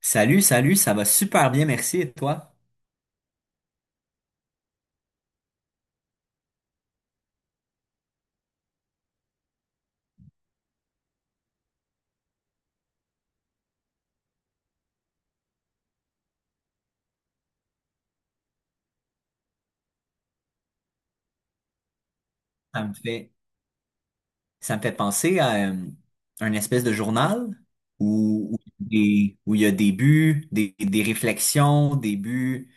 Salut, salut, ça va super bien, merci. Et toi? Ça me fait, ça me fait penser à un espèce de journal où il y a des buts, des réflexions, des buts,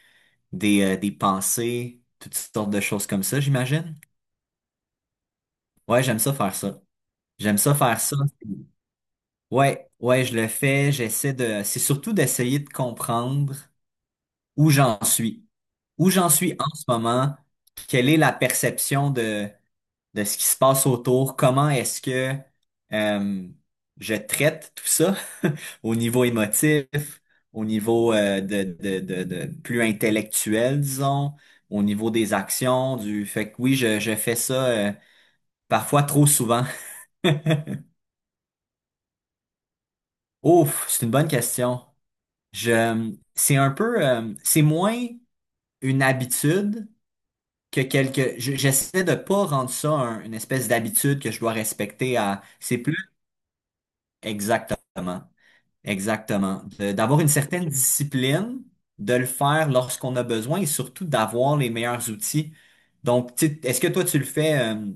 des pensées, toutes sortes de choses comme ça, j'imagine. Ouais, j'aime ça faire ça. J'aime ça faire ça. Ouais, ouais, je le fais. J'essaie de, c'est surtout d'essayer de comprendre où j'en suis, où j'en suis en ce moment, quelle est la perception de ce qui se passe autour, comment est-ce que euh, je traite tout ça au niveau émotif, au niveau de plus intellectuel, disons, au niveau des actions, du fait que oui, je fais ça parfois trop souvent. Ouf, c'est une bonne question. C'est un peu, c'est moins une habitude que J'essaie de pas rendre ça une espèce d'habitude que je dois respecter à. C'est plus exactement. Exactement. D'avoir une certaine discipline, de le faire lorsqu'on a besoin et surtout d'avoir les meilleurs outils. Donc, tu sais, est-ce que toi, tu le fais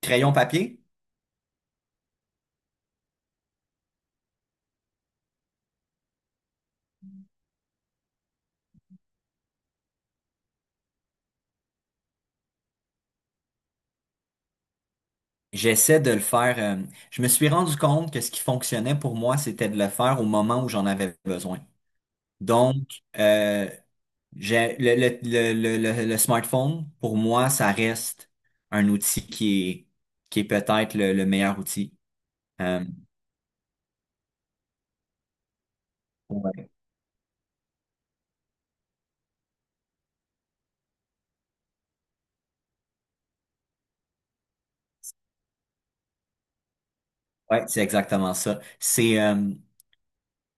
crayon papier? J'essaie de le faire. Je me suis rendu compte que ce qui fonctionnait pour moi, c'était de le faire au moment où j'en avais besoin. Donc, euh, j'ai, le smartphone, pour moi, ça reste un outil qui est peut-être le meilleur outil. Euh, ouais. Ouais, c'est exactement ça. C'est,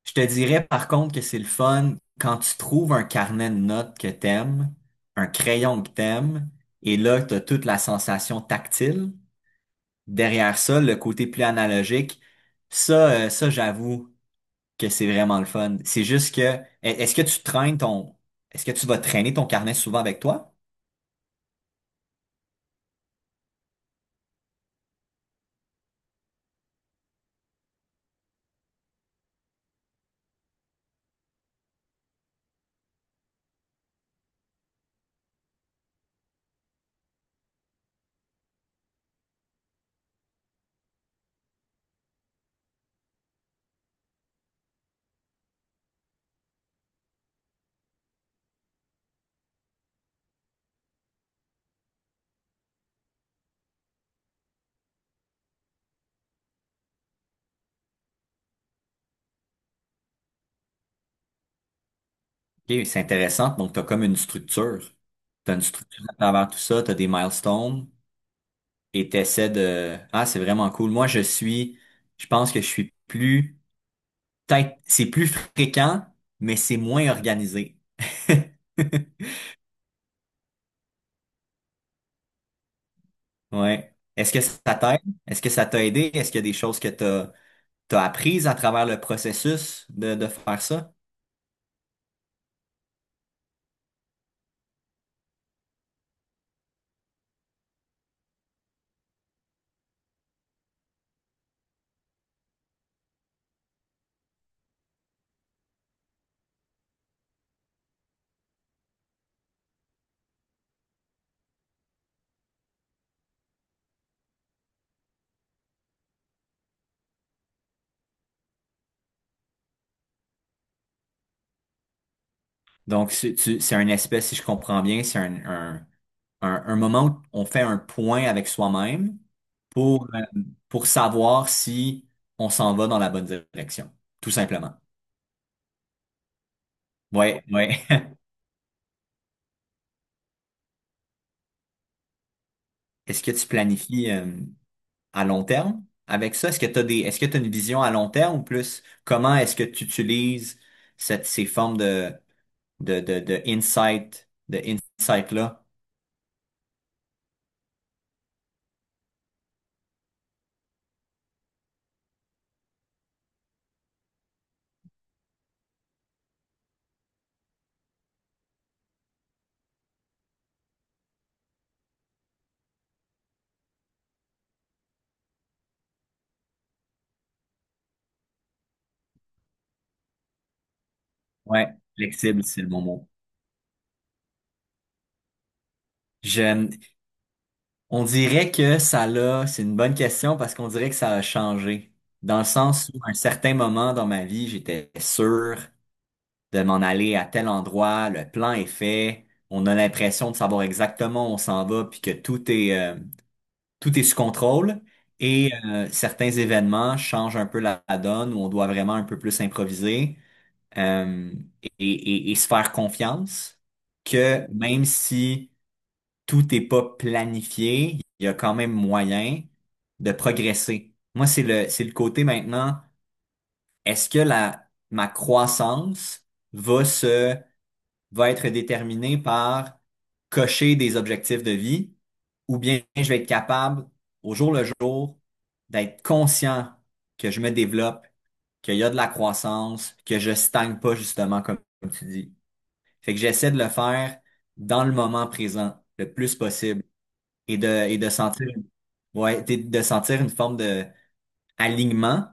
je te dirais par contre que c'est le fun quand tu trouves un carnet de notes que t'aimes, un crayon que t'aimes, et là, t'as toute la sensation tactile. Derrière ça, le côté plus analogique, ça, j'avoue que c'est vraiment le fun. C'est juste que, est-ce que tu traînes ton, est-ce que tu vas traîner ton carnet souvent avec toi? Ok, c'est intéressant. Donc, t'as comme une structure. T'as une structure à travers tout ça, t'as des milestones et t'essaies de, ah, c'est vraiment cool. Je pense que je suis plus peut-être c'est plus fréquent, mais c'est moins organisé. Ouais. Est-ce que ça t'aide? Est-ce que ça t'a aidé? Est-ce qu'il y a des choses que t'as apprises à travers le processus de faire ça? Donc, c'est un espèce, si je comprends bien, c'est un moment où on fait un point avec soi-même pour, euh, pour savoir si on s'en va dans la bonne direction, tout simplement. Ouais, ouais. Est-ce que tu planifies? À long terme avec ça? Est-ce que tu as des, est-ce que tu une vision à long terme ou plus comment est-ce que tu utilises ces formes de, de insight, de insight-là? Ouais, flexible, c'est le bon mot. Je, on dirait que ça l'a, c'est une bonne question parce qu'on dirait que ça a changé. Dans le sens où, à un certain moment dans ma vie, j'étais sûr de m'en aller à tel endroit, le plan est fait, on a l'impression de savoir exactement où on s'en va, puis que tout est sous contrôle et certains événements changent un peu la donne où on doit vraiment un peu plus improviser euh, et, et se faire confiance que même si tout n'est pas planifié, il y a quand même moyen de progresser. Moi, c'est le côté maintenant, est-ce que la, ma croissance va se va être déterminé par cocher des objectifs de vie ou bien je vais être capable, au jour le jour, d'être conscient que je me développe, qu'il y a de la croissance, que je stagne pas justement comme, comme tu dis. Fait que j'essaie de le faire dans le moment présent le plus possible et de sentir, ouais, de sentir une forme de alignement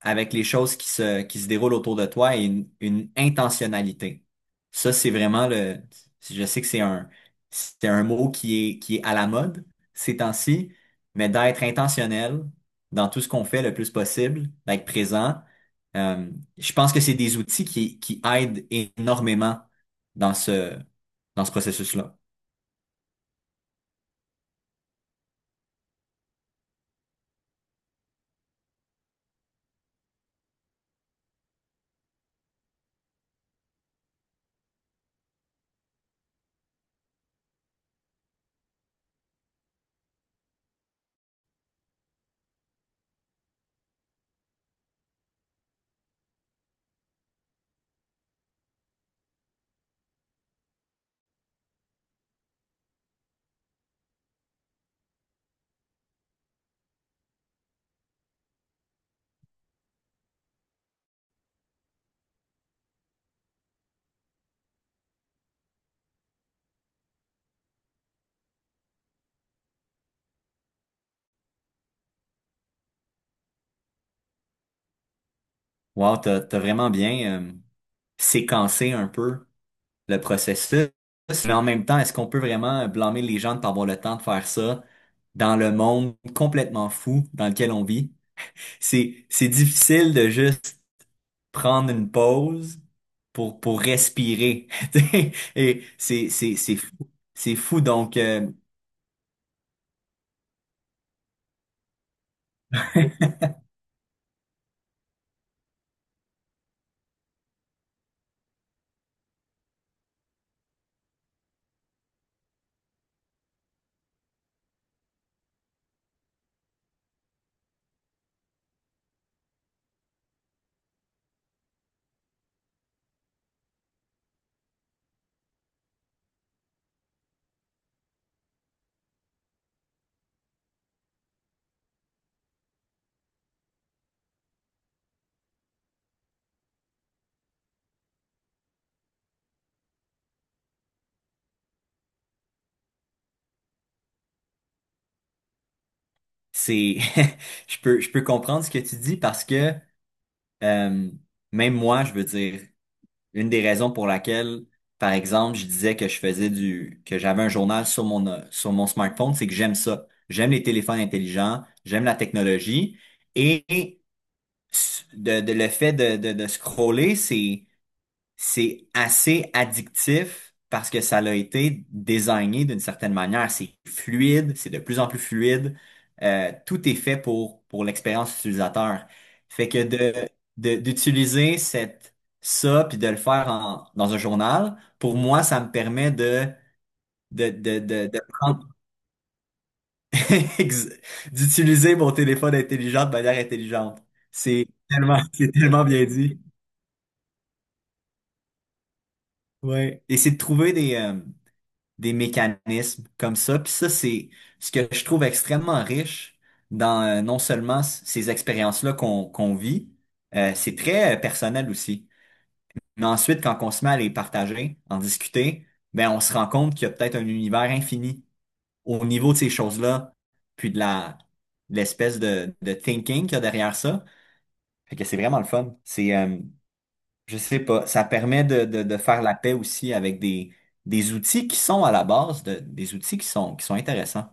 avec les choses qui se déroulent autour de toi et une intentionnalité. Ça, c'est vraiment le, je sais que c'est un mot qui est à la mode ces temps-ci, mais d'être intentionnel dans tout ce qu'on fait le plus possible, d'être présent, euh, je pense que c'est des outils qui aident énormément dans ce, dans ce processus-là. Wow, t'as vraiment bien, séquencé un peu le processus. Mais en même temps, est-ce qu'on peut vraiment blâmer les gens de pas avoir le temps de faire ça dans le monde complètement fou dans lequel on vit? C'est difficile de juste prendre une pause pour respirer. Tu sais. Et c'est fou. C'est fou. Donc, c'est, je peux comprendre ce que tu dis parce que, euh, même moi, je veux dire, une des raisons pour laquelle, par exemple, je disais que que j'avais un journal sur mon smartphone, c'est que j'aime ça. J'aime les téléphones intelligents, j'aime la technologie et le fait de, de scroller, c'est assez addictif parce que ça l'a été désigné d'une certaine manière. C'est fluide, c'est de plus en plus fluide. Tout est fait pour l'expérience utilisateur. Fait que d'utiliser cette, ça puis de le faire dans un journal, pour moi, ça me permet de prendre, ex- d'utiliser mon téléphone intelligent de manière intelligente. C'est tellement, c'est tellement bien dit. Ouais. Et c'est de trouver des mécanismes comme ça. Puis ça, c'est ce que je trouve extrêmement riche dans non seulement ces expériences-là qu'on vit, c'est très personnel aussi. Mais ensuite, quand on se met à les partager, en discuter, ben on se rend compte qu'il y a peut-être un univers infini au niveau de ces choses-là, puis de la de l'espèce de thinking qu'il y a derrière ça. Fait que c'est vraiment le fun. C'est je sais pas. Ça permet de faire la paix aussi avec des outils qui sont à la base, de, des outils qui sont intéressants.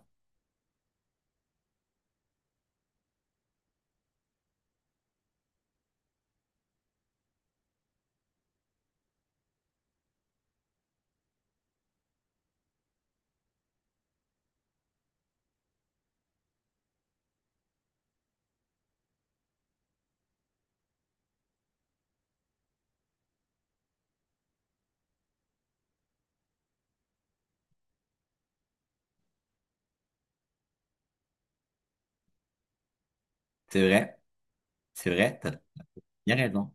C'est vrai. C'est vrai. T'as bien raison.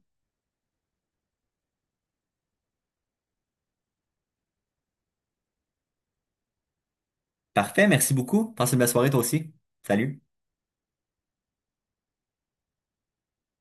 Parfait. Merci beaucoup. Passe une belle soirée toi aussi. Salut.